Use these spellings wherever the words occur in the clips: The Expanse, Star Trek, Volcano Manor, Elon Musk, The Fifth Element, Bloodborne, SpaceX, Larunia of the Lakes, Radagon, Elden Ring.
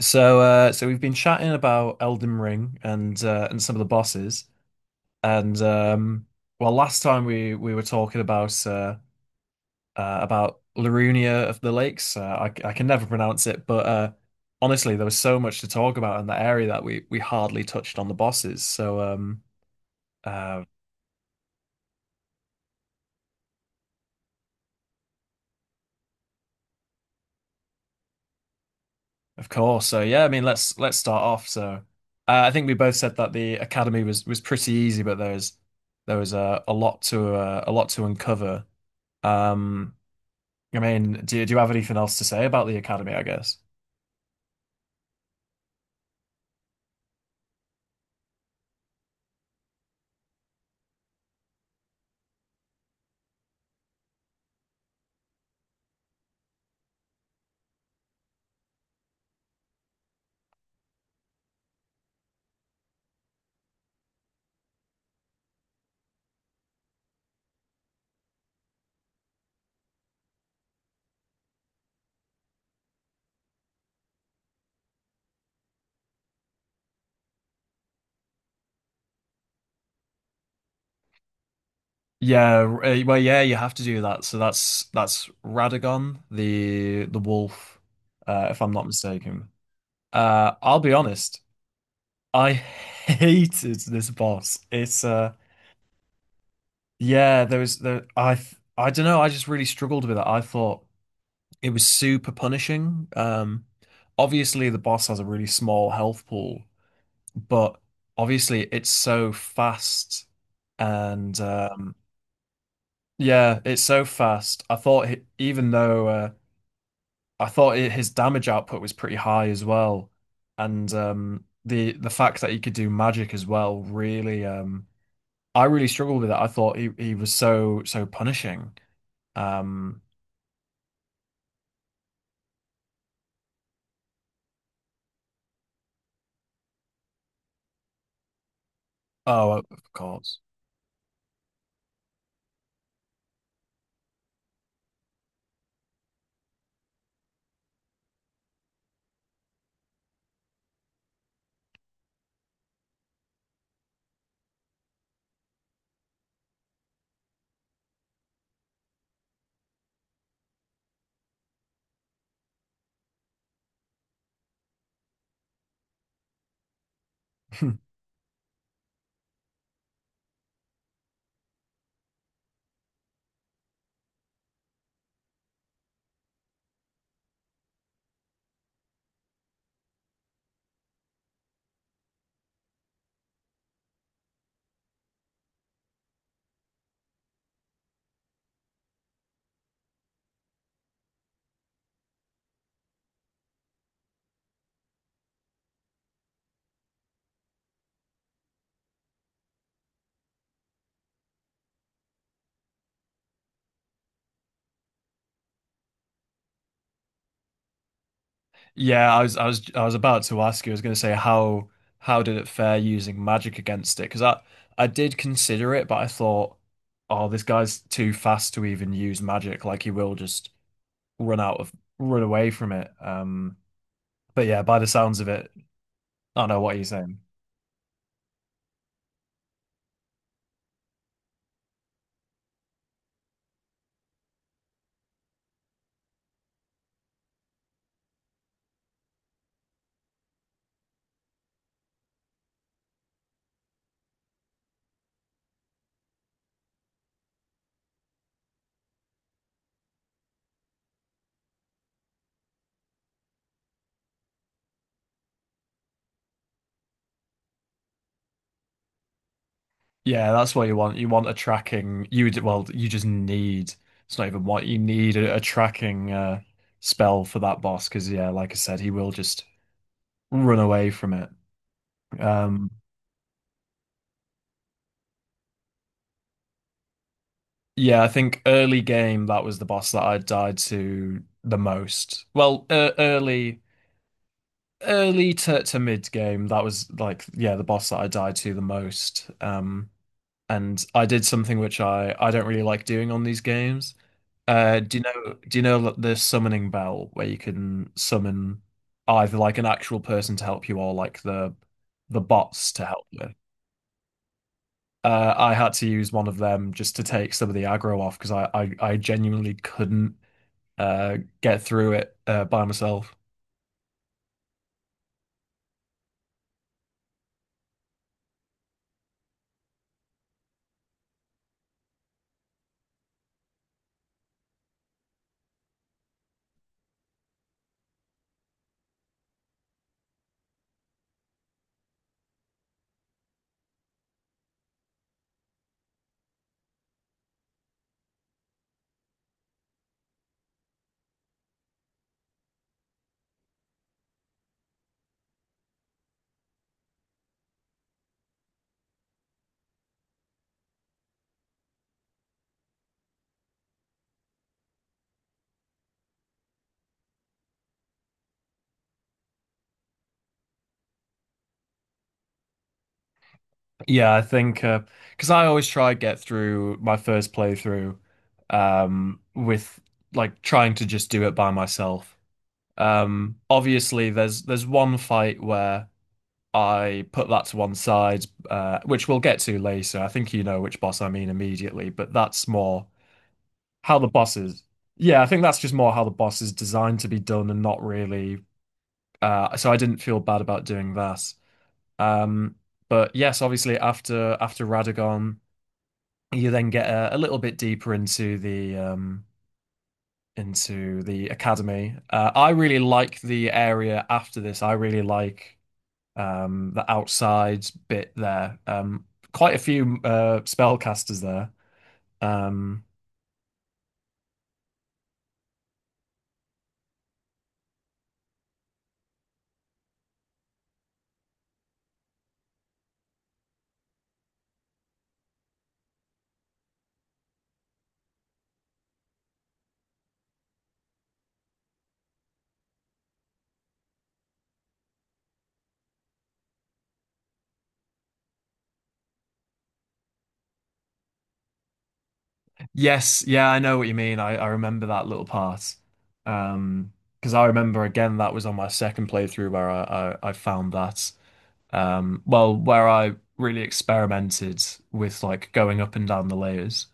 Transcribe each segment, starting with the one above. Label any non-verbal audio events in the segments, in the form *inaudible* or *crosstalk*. So we've been chatting about Elden Ring and some of the bosses, and well, last time we were talking about Larunia of the Lakes. I can never pronounce it, but honestly, there was so much to talk about in that area that we hardly touched on the bosses. Uh, of course, so yeah, I mean, let's start off. I think we both said that the academy was pretty easy, but there was a lot to uncover. Um, I mean, do you have anything else to say about the Academy, I guess? Yeah, well, yeah, you have to do that. So that's Radagon, the wolf, if I'm not mistaken. I'll be honest, I *laughs* hated this boss. It's Yeah, there was the I don't know. I just really struggled with it. I thought it was super punishing. Obviously the boss has a really small health pool, but obviously it's so fast and Yeah, it's so fast. I thought he, even though I thought it, his damage output was pretty high as well, and the fact that he could do magic as well really I really struggled with that. I thought he was so so punishing. Um, oh, of course. *laughs* Yeah, I was about to ask you. I was going to say how did it fare using magic against it? Because I did consider it, but I thought, oh, this guy's too fast to even use magic. Like he will just run out of run away from it. But yeah, by the sounds of it, I don't know what you're saying. Yeah, that's what you want. You want a tracking. Well, you just need. It's not even what you need a tracking spell for that boss because yeah, like I said, he will just run away from it. Um, yeah, I think early game that was the boss that I died to the most. Well, early to mid game that was like yeah the boss that I died to the most. And I did something which I don't really like doing on these games. Do you know the summoning bell where you can summon either like an actual person to help you or like the bots to help you? I had to use one of them just to take some of the aggro off because I genuinely couldn't get through it by myself. Yeah, I think 'cause because I always try get through my first playthrough with like trying to just do it by myself. Obviously, there's one fight where I put that to one side, which we'll get to later. I think you know which boss I mean immediately, but that's more how the boss is. Yeah, I think that's just more how the boss is designed to be done and not really. So I didn't feel bad about doing that. Um, but yes, obviously after after Radagon, you then get a little bit deeper into the academy. I really like the area after this. I really like the outside bit there. Quite a few spellcasters there. Um, yes, yeah, I know what you mean. I remember that little part. Um, because I remember again that was on my second playthrough where I found that. Well, where I really experimented with like going up and down the layers.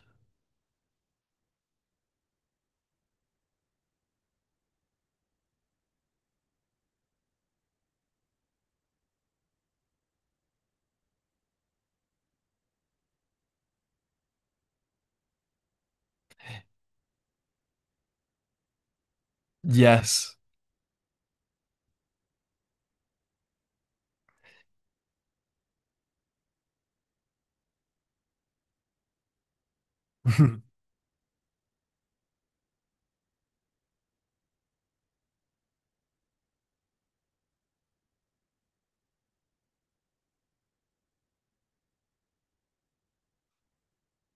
Yes. *laughs*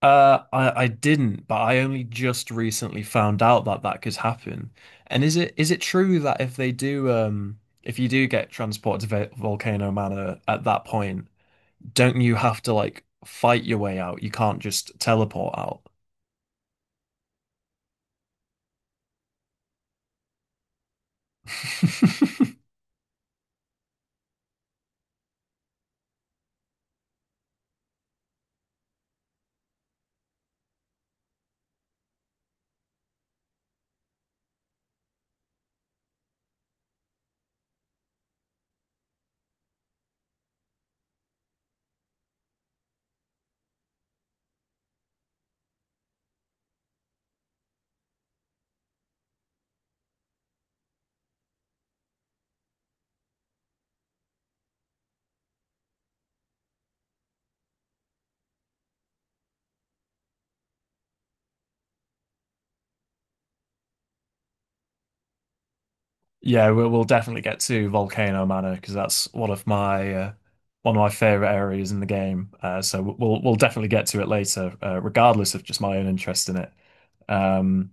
I didn't, but I only just recently found out that that could happen. And is it true that if they do, if you do get transported to Volcano Manor at that point, don't you have to like fight your way out? You can't just teleport out. *laughs* Yeah, we'll definitely get to Volcano Manor because that's one of my favorite areas in the game. So we'll definitely get to it later, regardless of just my own interest in it. Um,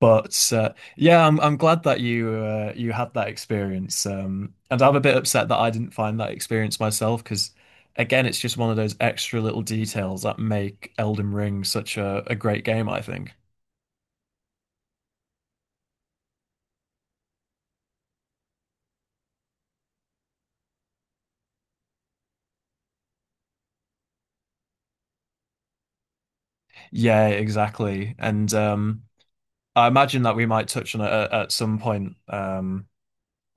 But yeah, I'm glad that you you had that experience. And I'm a bit upset that I didn't find that experience myself because, again, it's just one of those extra little details that make Elden Ring such a great game, I think. Yeah, exactly. And I imagine that we might touch on it at some point.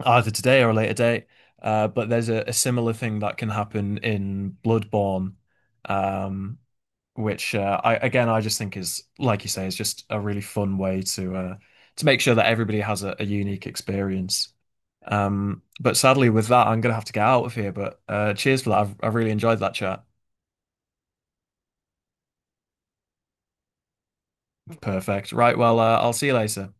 Either today or a later date. But there's a similar thing that can happen in Bloodborne, um, which I just think is like you say is just a really fun way to make sure that everybody has a unique experience. But sadly, with that, I'm gonna have to get out of here. But Cheers for that. I've really enjoyed that chat. Perfect. Right. Well, I'll see you later.